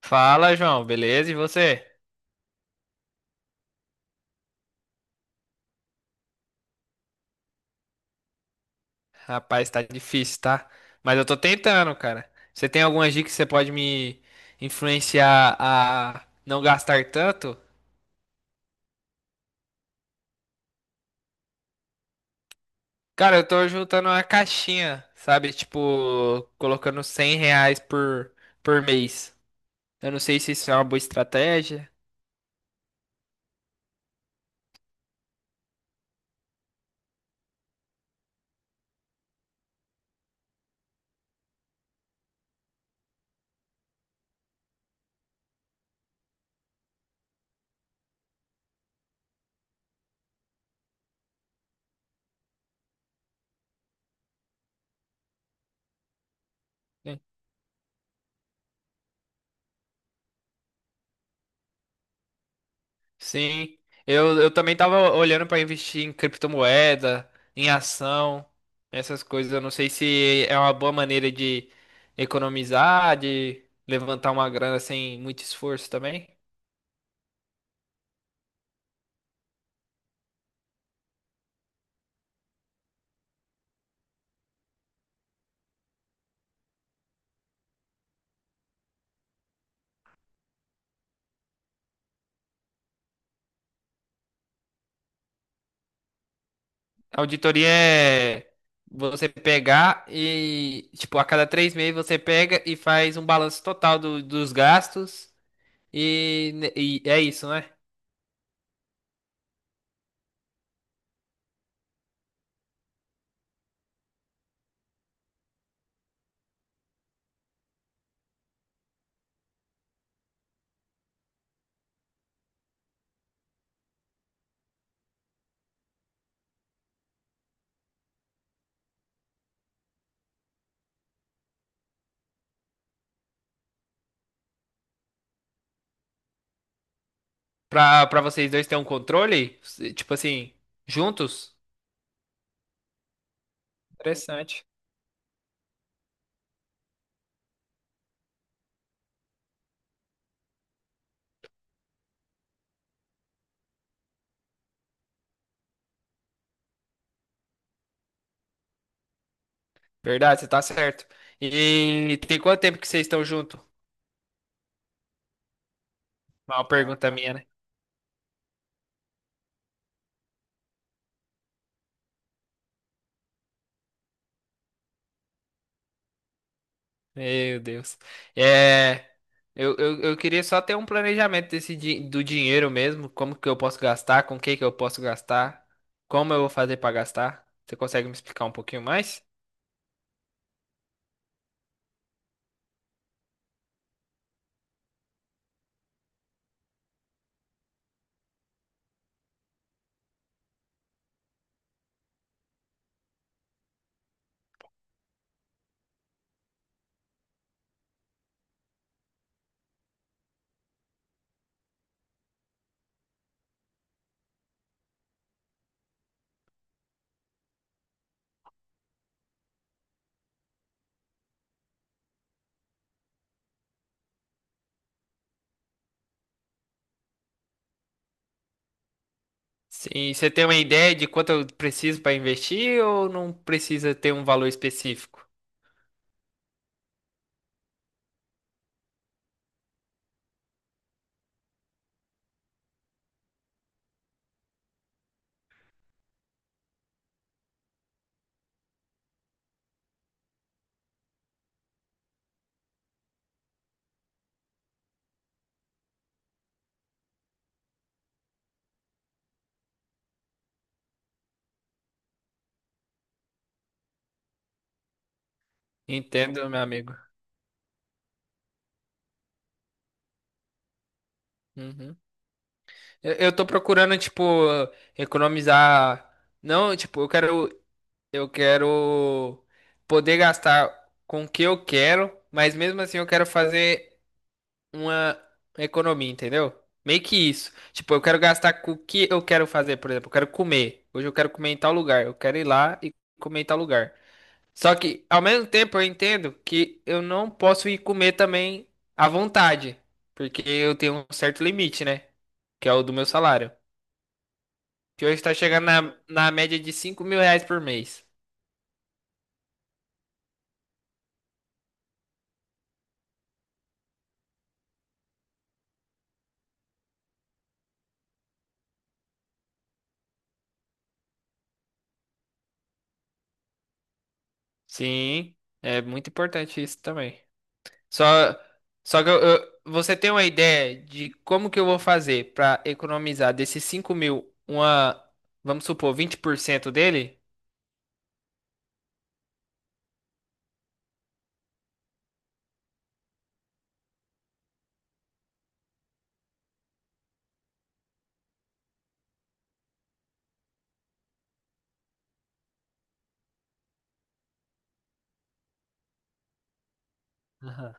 Fala, João, beleza? E você? Rapaz, tá difícil, tá? Mas eu tô tentando, cara. Você tem alguma dica que você pode me influenciar a não gastar tanto? Cara, eu tô juntando uma caixinha, sabe? Tipo, colocando R$ 100 por mês. Eu não sei se isso é uma boa estratégia. Sim, eu também tava olhando para investir em criptomoeda, em ação, essas coisas. Eu não sei se é uma boa maneira de economizar, de levantar uma grana sem muito esforço também. Auditoria é você pegar e, tipo, a cada 3 meses você pega e faz um balanço total dos gastos e é isso, né? Pra vocês dois terem um controle, tipo assim, juntos. Interessante. Verdade, você tá certo. E tem quanto tempo que vocês estão juntos? Uma pergunta minha, né? Meu Deus. É, eu queria só ter um planejamento desse, do dinheiro mesmo. Como que eu posso gastar? Com o que que eu posso gastar? Como eu vou fazer pra gastar? Você consegue me explicar um pouquinho mais? Sim, você tem uma ideia de quanto eu preciso pra investir ou não precisa ter um valor específico? Entendo, meu amigo. Uhum. Eu tô procurando, tipo, economizar. Não, tipo, eu quero. Eu quero poder gastar com o que eu quero, mas mesmo assim eu quero fazer uma economia, entendeu? Meio que isso. Tipo, eu quero gastar com o que eu quero fazer, por exemplo, eu quero comer. Hoje eu quero comer em tal lugar. Eu quero ir lá e comer em tal lugar. Só que, ao mesmo tempo, eu entendo que eu não posso ir comer também à vontade, porque eu tenho um certo limite, né? Que é o do meu salário. Que hoje tá chegando na média de R$ 5.000 por mês. Sim, é muito importante isso também. Só, só que você tem uma ideia de como que eu vou fazer para economizar desses 5 mil, uma, vamos supor, 20% dele? Aham.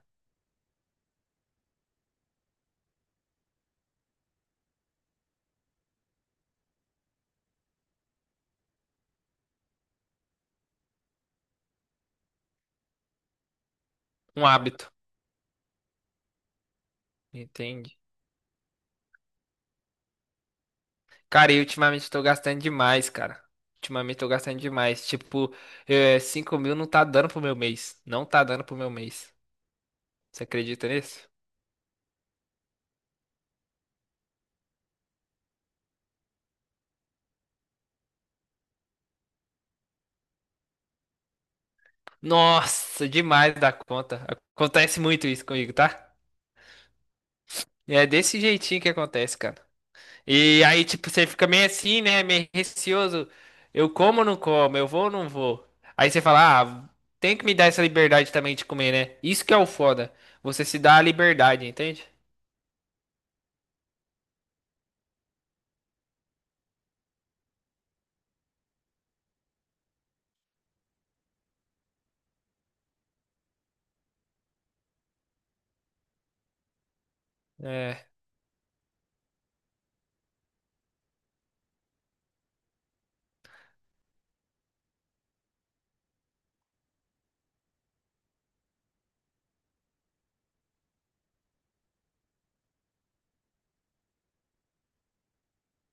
Um hábito, entende? Cara, e ultimamente eu tô gastando demais, cara. Ultimamente eu tô gastando demais. Tipo, 5 mil não tá dando pro meu mês. Não tá dando pro meu mês. Você acredita nisso? Nossa, demais da conta. Acontece muito isso comigo, tá? E é desse jeitinho que acontece, cara. E aí, tipo, você fica meio assim, né? Meio receoso. Eu como ou não como? Eu vou ou não vou? Aí você fala, ah, tem que me dar essa liberdade também de comer, né? Isso que é o foda. Você se dá a liberdade, entende? É,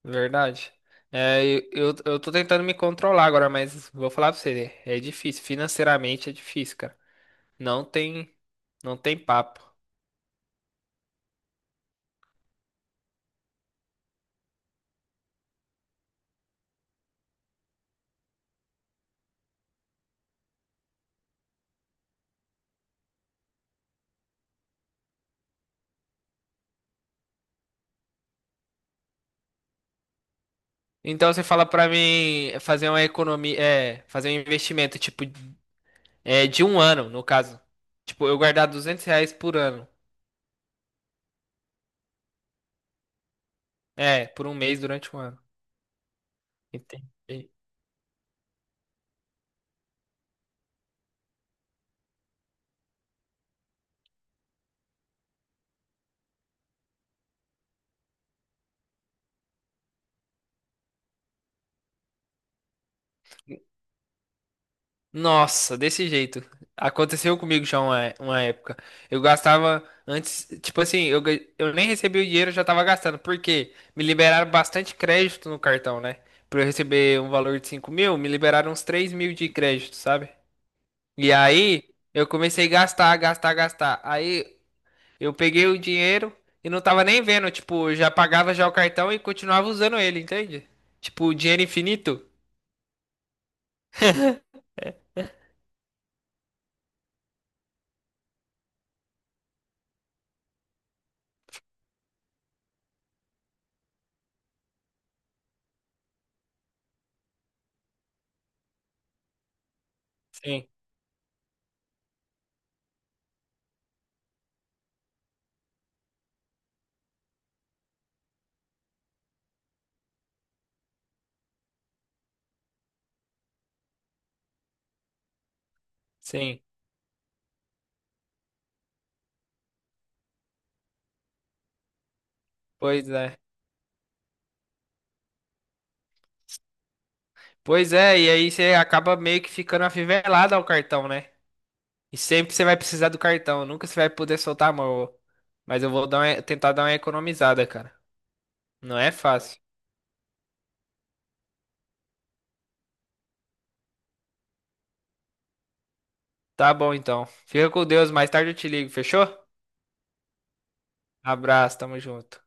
verdade. É, eu tô tentando me controlar agora, mas vou falar pra você, né? É difícil. Financeiramente é difícil, cara. Não tem, não tem papo. Então você fala pra mim fazer uma economia, fazer um investimento tipo é de um ano, no caso. Tipo, eu guardar R$ 200 por ano. É, por um mês durante um ano. Entendi. Nossa, desse jeito. Aconteceu comigo já uma época. Eu gastava antes, tipo assim, eu nem recebi o dinheiro, eu já tava gastando. Por quê? Me liberaram bastante crédito no cartão, né? Pra eu receber um valor de 5 mil, me liberaram uns 3 mil de crédito, sabe? E aí, eu comecei a gastar, gastar, gastar. Aí, eu peguei o dinheiro e não tava nem vendo, tipo, eu já pagava já o cartão e continuava usando ele, entende? Tipo, dinheiro infinito. Sim, sim. Pois é. Pois é, e aí você acaba meio que ficando afivelado ao cartão, né? E sempre você vai precisar do cartão, nunca você vai poder soltar a mão. Mas eu vou dar tentar dar uma economizada, cara. Não é fácil. Tá bom então. Fica com Deus, mais tarde eu te ligo, fechou? Abraço, tamo junto.